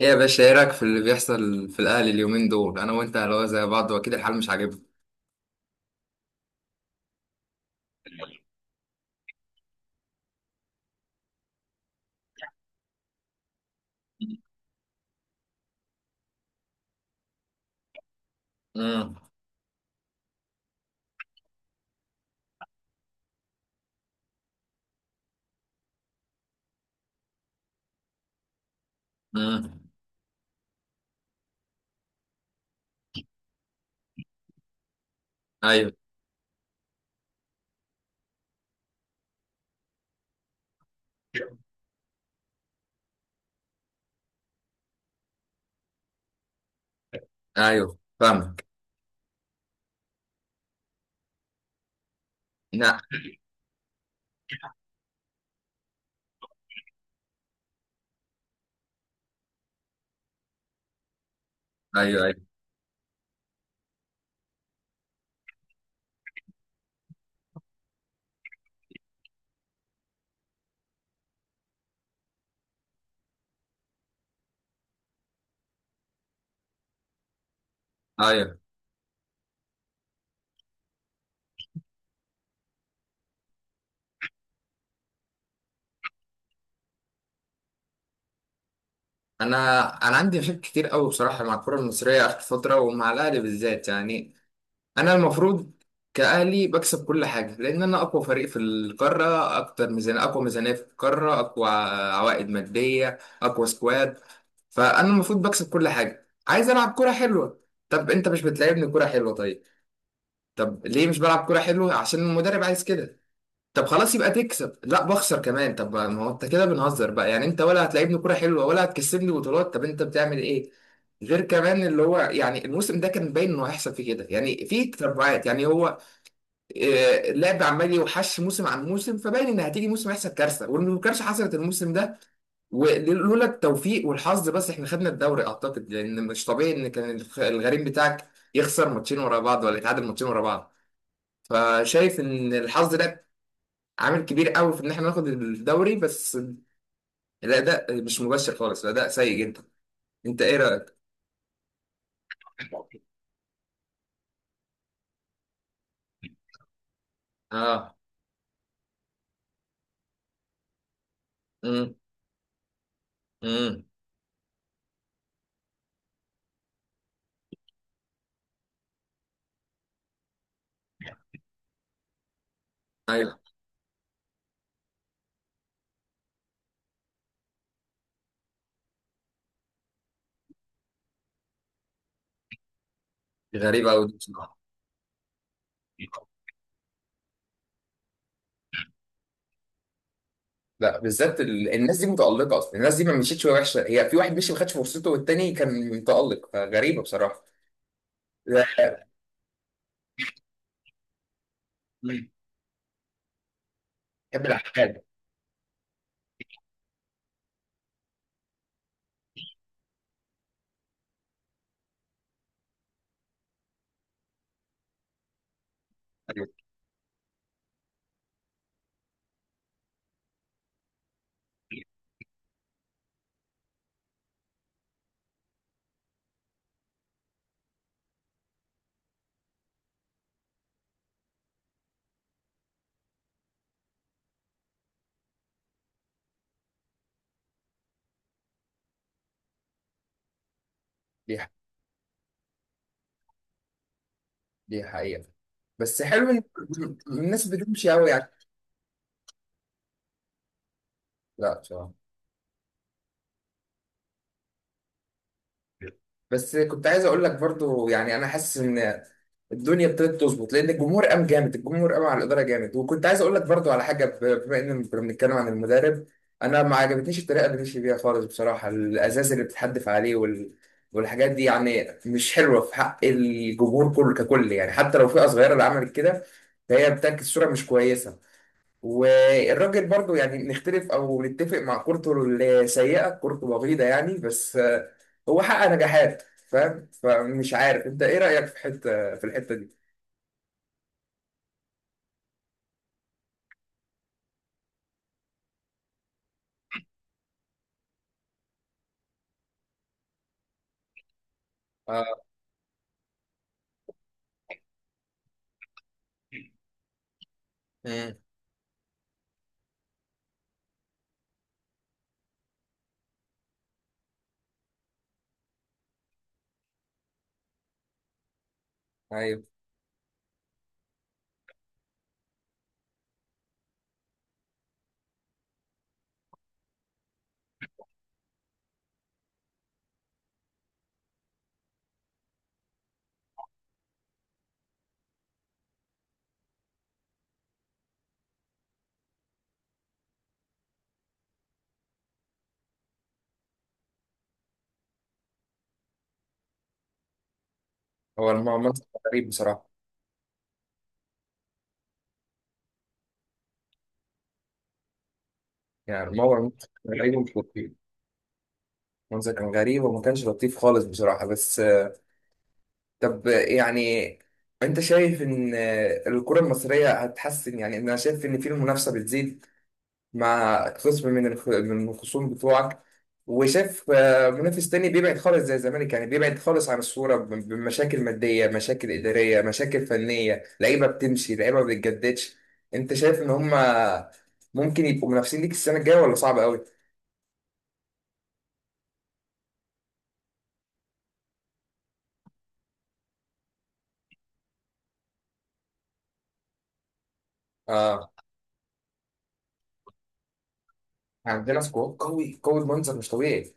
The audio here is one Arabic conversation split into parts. ايه يا باشا، ايه رايك في اللي بيحصل في الاهلي اليومين دول؟ انا وانت اللي هو زي بعض، واكيد الحال مش عاجبنا. امم امم ايوه، ايوه فاهمك. لا. ايوه، ايوه، ايوه. انا انا عندي مشاكل كتير قوي بصراحه مع الكره المصريه اخر فتره، ومع الاهلي بالذات. يعني انا المفروض كاهلي بكسب كل حاجه، لان انا اقوى فريق في القاره، اكتر ميزانيه، اقوى ميزانيه في القاره، اقوى عوائد ماديه، اقوى سكواد. فانا المفروض بكسب كل حاجه، عايز العب كره حلوه. طب انت مش بتلعبني كره حلوه، طيب. طب ليه مش بلعب كوره حلوه؟ عشان المدرب عايز كده. طب خلاص يبقى تكسب، لا بخسر كمان. طب ما هو انت كده بنهزر بقى، يعني انت ولا هتلعبني كوره حلوه ولا هتكسبني بطولات، طب انت بتعمل ايه؟ غير كمان اللي هو يعني الموسم ده كان باين انه هيحصل فيه كده، يعني في تتبعات، يعني هو اللعب عمال يوحش موسم عن موسم، فباين ان هتيجي موسم هيحصل كارثه، وان الكارثه حصلت الموسم ده. ولولا التوفيق والحظ بس احنا خدنا الدوري، اعتقد، لان مش طبيعي ان كان الغريم بتاعك يخسر ماتشين ورا بعض ولا يتعادل ماتشين ورا بعض. فشايف ان الحظ ده عامل كبير قوي في ان احنا ناخد الدوري. بس الاداء مش مبشر خالص، الاداء سيء جدا. انت ايه رايك؟ اه. امم امم ايوه. غريبه قوي بصراحه. لا، بالذات الناس دي متالقه اصلا، الناس دي ما مشيتش وهي وحشه، هي في واحد مشي ما خدش فرصته والتاني كان متالق، فغريبه بصراحه. لا. مم. بحب العقاد. ايوه. دي دي حقيقه. بس حلو ان الناس بتمشي قوي يعني. لا بصراحه. بس كنت عايز اقول لك برضو، يعني انا حاسس ان الدنيا ابتدت تظبط، لان الجمهور قام جامد، الجمهور قام على الاداره جامد. وكنت عايز اقول لك برضو على حاجه، بما ان كنا بنتكلم عن المدرب، انا ما عجبتنيش الطريقه اللي مشي بيها خالص بصراحه، الازاز اللي بتتحدف عليه والحاجات دي، يعني مش حلوه في حق الجمهور كله ككل، يعني حتى لو فئه صغيره اللي عملت كده، فهي بتعكس صوره مش كويسه. والراجل برضو يعني نختلف او نتفق مع كورته السيئه، كورته بغيضه يعني، بس هو حقق نجاحات، فاهم؟ فمش عارف انت ايه رايك في حته، في الحته دي. اه. امم ايوه. هو المنظر كان غريب بصراحه. يعني الموضوع، المنظر كان غريب ومش لطيف. المنظر كان غريب وما كانش لطيف خالص بصراحه. بس طب يعني انت شايف ان الكره المصريه هتحسن؟ يعني انا شايف ان في المنافسه بتزيد مع خصم من من الخصوم بتوعك، وشاف منافس تاني بيبعد خالص زي الزمالك، يعني بيبعد خالص عن الصورة، بمشاكل مادية، مشاكل إدارية، مشاكل فنية، لعيبة بتمشي، لعيبة ما بتجددش. أنت شايف إن هما ممكن يبقوا منافسين ليك السنة الجاية، ولا صعب قوي؟ آه. عندنا سكواد قوي قوي بمنظر مش طبيعي.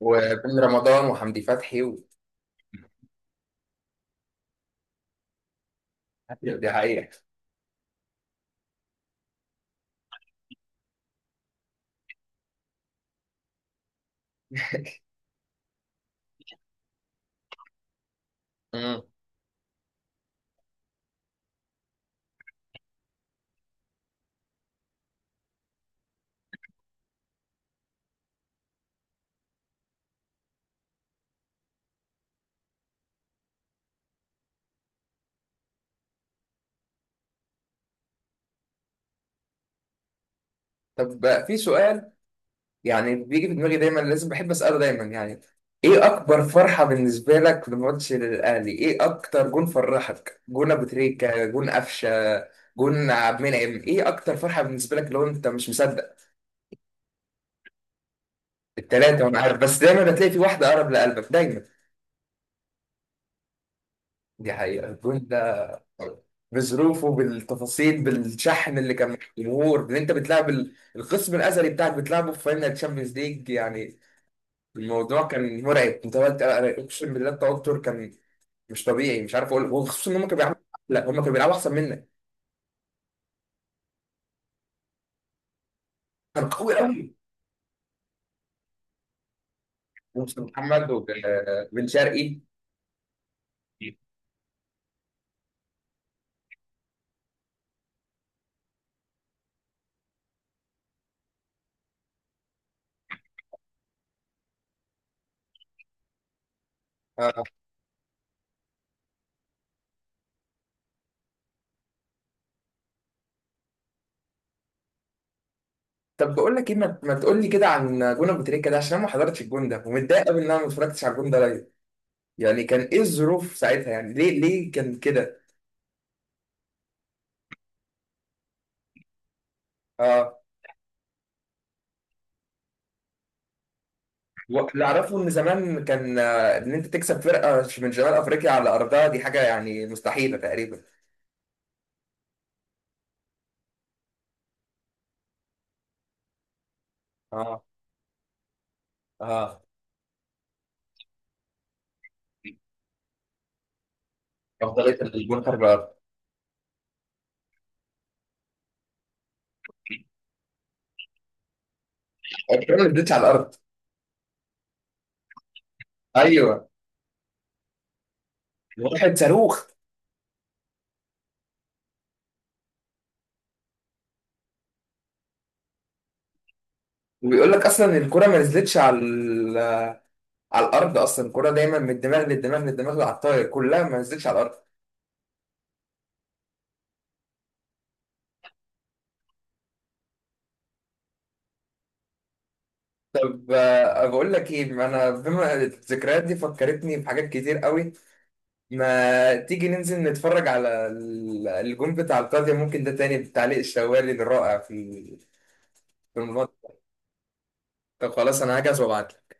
وبن رمضان وحمدي فتحي دي حقيقة. مم. طب بقى في سؤال، يعني بيجي في دماغي دايما، لازم بحب اساله دايما. يعني ايه اكبر فرحه بالنسبه لك في ماتش للاهلي؟ ايه اكتر جون فرحك؟ جون ابو تريكه، جون قفشه، جون عبد المنعم؟ ايه اكتر فرحه بالنسبه لك، لو انت مش مصدق؟ التلاته وانا عارف، بس دايما بتلاقي في واحده اقرب لقلبك دايما. دي حقيقه الجون ده بظروفه، بالتفاصيل، بالشحن اللي كان مع الجمهور، ان انت بتلعب الخصم الازلي بتاعك، بتلعبه في فاينل تشامبيونز ليج، يعني الموضوع كان مرعب. انت اقسم بالله التوتر كان مش طبيعي، مش عارف اقول. وخصوصا ان هم كانوا بيلعبوا، لا هم كانوا بيلعبوا احسن منك، كانوا قوي قوي. ومصطفى محمد وبن شرقي. آه. طب بقول لك ايه، ما تقول لي كده عن جون ابو تريكه ده، عشان انا ما حضرتش الجون ده، ومتضايق قوي ان انا ما اتفرجتش على الجون ده لايف. يعني كان ايه الظروف ساعتها؟ يعني ليه، ليه كان كده؟ اه. واللي اعرفه ان زمان كان ان انت تكسب فرقه من شمال افريقيا على ارضها دي حاجه يعني مستحيله تقريبا. اه. اه. افضليه الجون خارج الارض. الجون ما نزلتش على الارض. ايوه. واحد صاروخ. وبيقول لك اصلا الكرة ما نزلتش على على الارض، اصلا الكرة دايما من الدماغ للدماغ للدماغ على الطاير، كلها ما نزلتش على الارض. طب بقول لك ايه، ما انا بما الذكريات دي فكرتني بحاجات كتير قوي، ما تيجي ننزل نتفرج على الجون بتاع القاضية؟ ممكن ده تاني بتعليق الشوالي الرائع في في الموضوع ده. طب خلاص، انا هجهز وابعت.